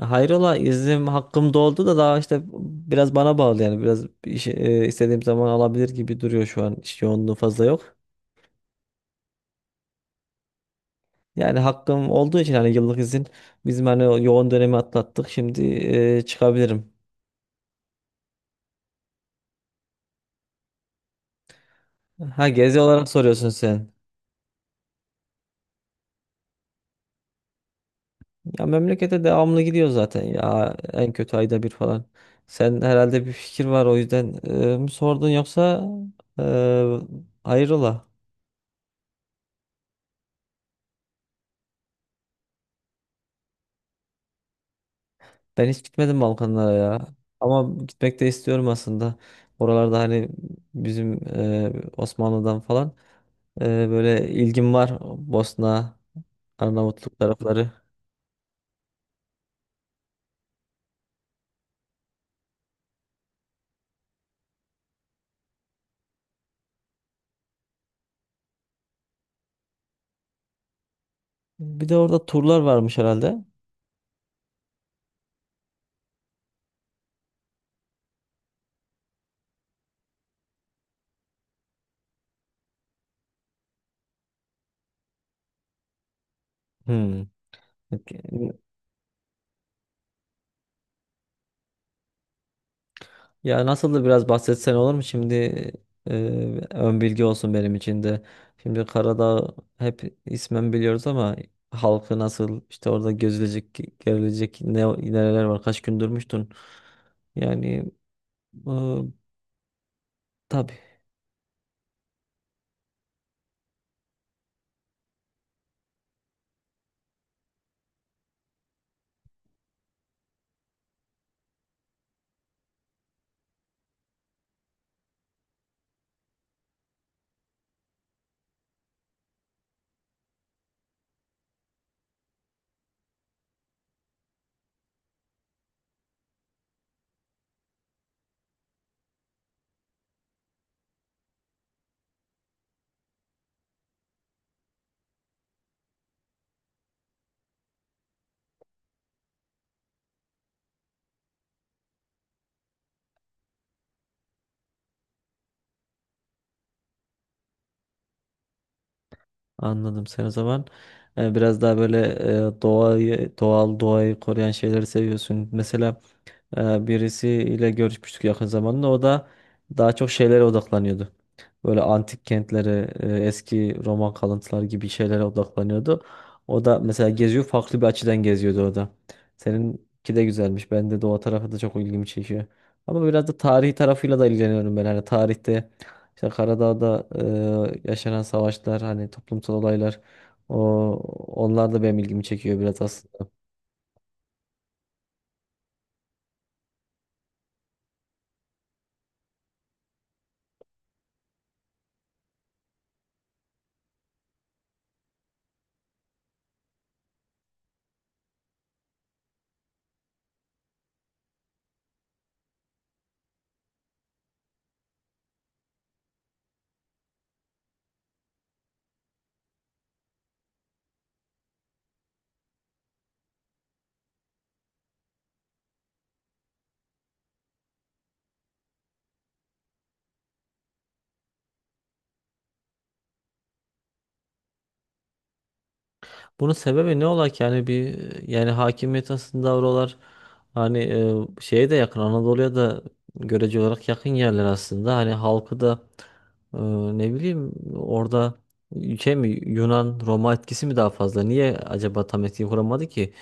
Hayrola, iznim hakkım doldu da daha işte biraz bana bağlı. Yani biraz bir şey, istediğim zaman alabilir gibi duruyor. Şu an iş yoğunluğu fazla yok. Yani hakkım olduğu için hani yıllık izin bizim hani o yoğun dönemi atlattık şimdi, çıkabilirim. Ha, gezi olarak soruyorsun sen. Ya memlekete devamlı gidiyor zaten ya, en kötü ayda bir falan. Sen herhalde bir fikir var, o yüzden mi sordun, yoksa e, hayrola? Ben hiç gitmedim Balkanlara ya. Ama gitmek de istiyorum aslında. Oralarda hani bizim Osmanlı'dan falan e, böyle ilgim var. Bosna, Arnavutluk tarafları. Bir de orada turlar varmış herhalde. Hmm. Peki. Ya nasıl, da biraz bahsetsen olur mu? Şimdi, e, ön bilgi olsun benim için de. Şimdi Karadağ hep ismen biliyoruz ama halkı nasıl, işte orada gözülecek, görülecek neler var? Kaç gün durmuştun? Yani Ee, tabii Anladım sen o zaman. Biraz daha böyle doğayı, doğal doğayı koruyan şeyleri seviyorsun. Mesela birisiyle görüşmüştük yakın zamanda. O da daha çok şeylere odaklanıyordu. Böyle antik kentlere, eski Roman kalıntıları gibi şeylere odaklanıyordu. O da mesela geziyor, farklı bir açıdan geziyordu o da. Seninki de güzelmiş. Ben de doğa tarafı da çok ilgimi çekiyor. Ama biraz da tarihi tarafıyla da ilgileniyorum ben. Hani tarihte işte Karadağ'da yaşanan savaşlar, hani toplumsal olaylar, o onlar da benim ilgimi çekiyor biraz aslında. Bunun sebebi ne ola ki? Yani bir Yani hakimiyet aslında oralar hani, şeye de yakın, Anadolu'ya da görece olarak yakın yerler aslında. Hani halkı da e, ne bileyim, orada şey mi, Yunan Roma etkisi mi daha fazla? Niye acaba tam etki kuramadı ki?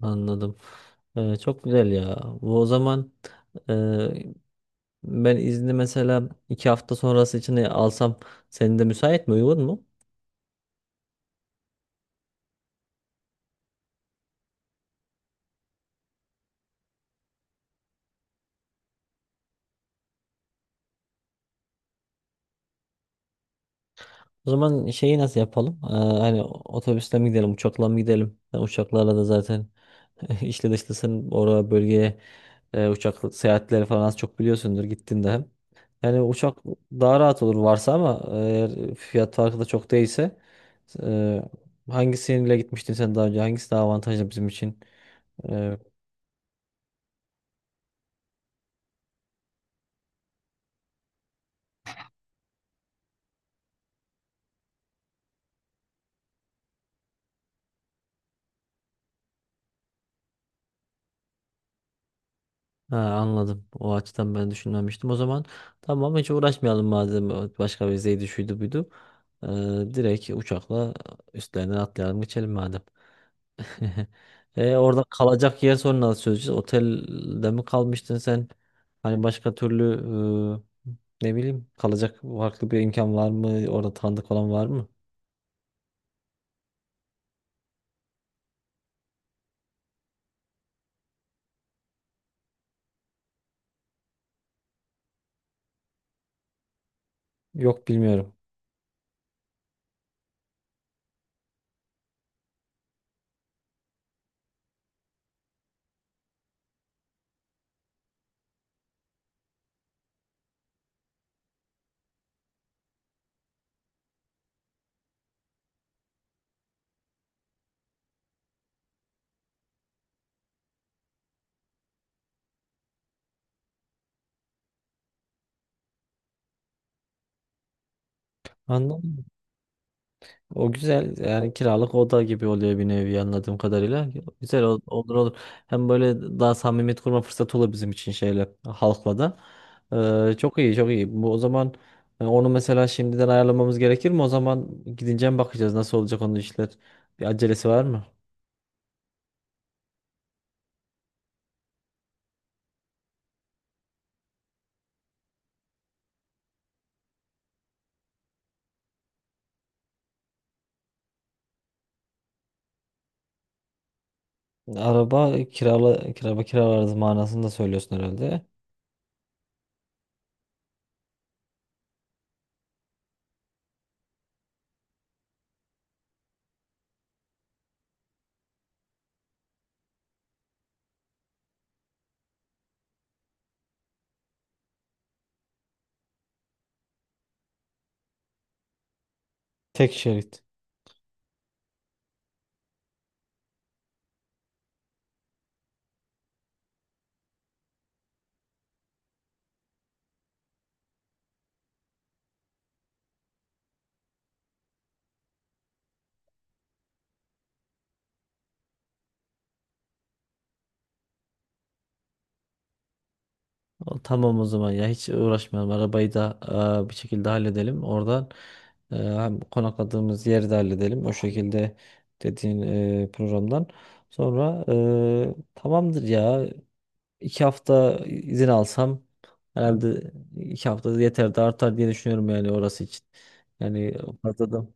Anladım. Çok güzel ya. Bu o zaman, e, ben izni mesela iki hafta sonrası için alsam, senin de müsait mi? Uygun mu? O zaman şeyi nasıl yapalım? Hani otobüsle mi gidelim, uçakla mı gidelim? Yani uçaklarla da zaten işle dışlısın. Oraya, bölgeye uçak seyahatleri falan az çok biliyorsundur gittiğinde hem. Yani uçak daha rahat olur varsa, ama eğer fiyat farkı da çok değilse, e, hangisiyle gitmiştin sen daha önce? Hangisi daha avantajlı bizim için? E, Ha, anladım. O açıdan ben düşünmemiştim. O zaman tamam, hiç uğraşmayalım madem, başka bir zeydi şuydu buydu. Ee, Direkt uçakla üstlerinden atlayalım, geçelim madem. Orada kalacak yer sonra nasıl çözeceğiz? Otelde mi kalmıştın sen? Hani başka türlü, e, ne bileyim, kalacak farklı bir imkan var mı? Orada tanıdık olan var mı? Yok, bilmiyorum. Anladım. O güzel, yani kiralık oda gibi oluyor bir nevi, anladığım kadarıyla. Olur, olur. Hem böyle daha samimiyet kurma fırsatı olur bizim için şeyle, halkla da. Çok iyi, çok iyi. Bu o zaman, onu mesela şimdiden ayarlamamız gerekir mi? O zaman gidince mi bakacağız nasıl olacak onun işler? Bir acelesi var mı? Araba kirala kiraba Kiralarız manasında söylüyorsun herhalde. Tek şerit. O, tamam, o zaman ya hiç uğraşmayalım. Arabayı da bir şekilde halledelim. Oradan hem konakladığımız yeri de halledelim. O şekilde dediğin programdan. Sonra tamamdır ya. İki hafta izin alsam herhalde, iki hafta yeter de artar diye düşünüyorum yani orası için. Yani fazla da.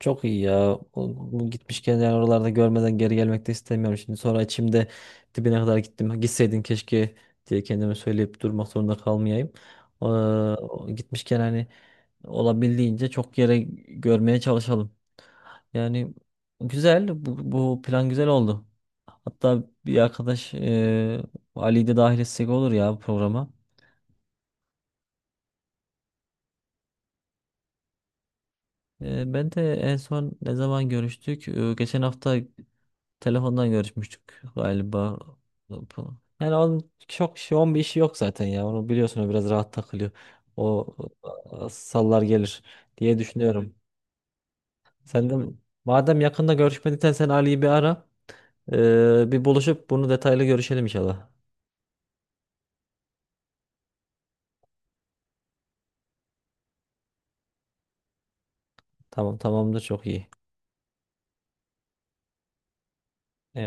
Çok iyi ya. Bu gitmişken yani, oralarda görmeden geri gelmek de istemiyorum. Şimdi sonra içimde, dibine kadar gittim, gitseydin keşke diye kendime söyleyip durmak zorunda kalmayayım. Gitmişken hani olabildiğince çok yere görmeye çalışalım. Yani güzel. Bu plan güzel oldu. Hatta bir arkadaş, Ali'yi de dahil etsek olur ya bu programa. Ben de en son ne zaman görüştük? Geçen hafta telefondan görüşmüştük galiba. Yani onun çok şey, onun bir işi yok zaten ya. Onu biliyorsun, o biraz rahat takılıyor. O Sallar gelir diye düşünüyorum. Sen de madem yakında görüşmediysen, sen Ali'yi bir ara. Bir buluşup bunu detaylı görüşelim inşallah. Tamam, tamamdır, çok iyi. Eyvallah.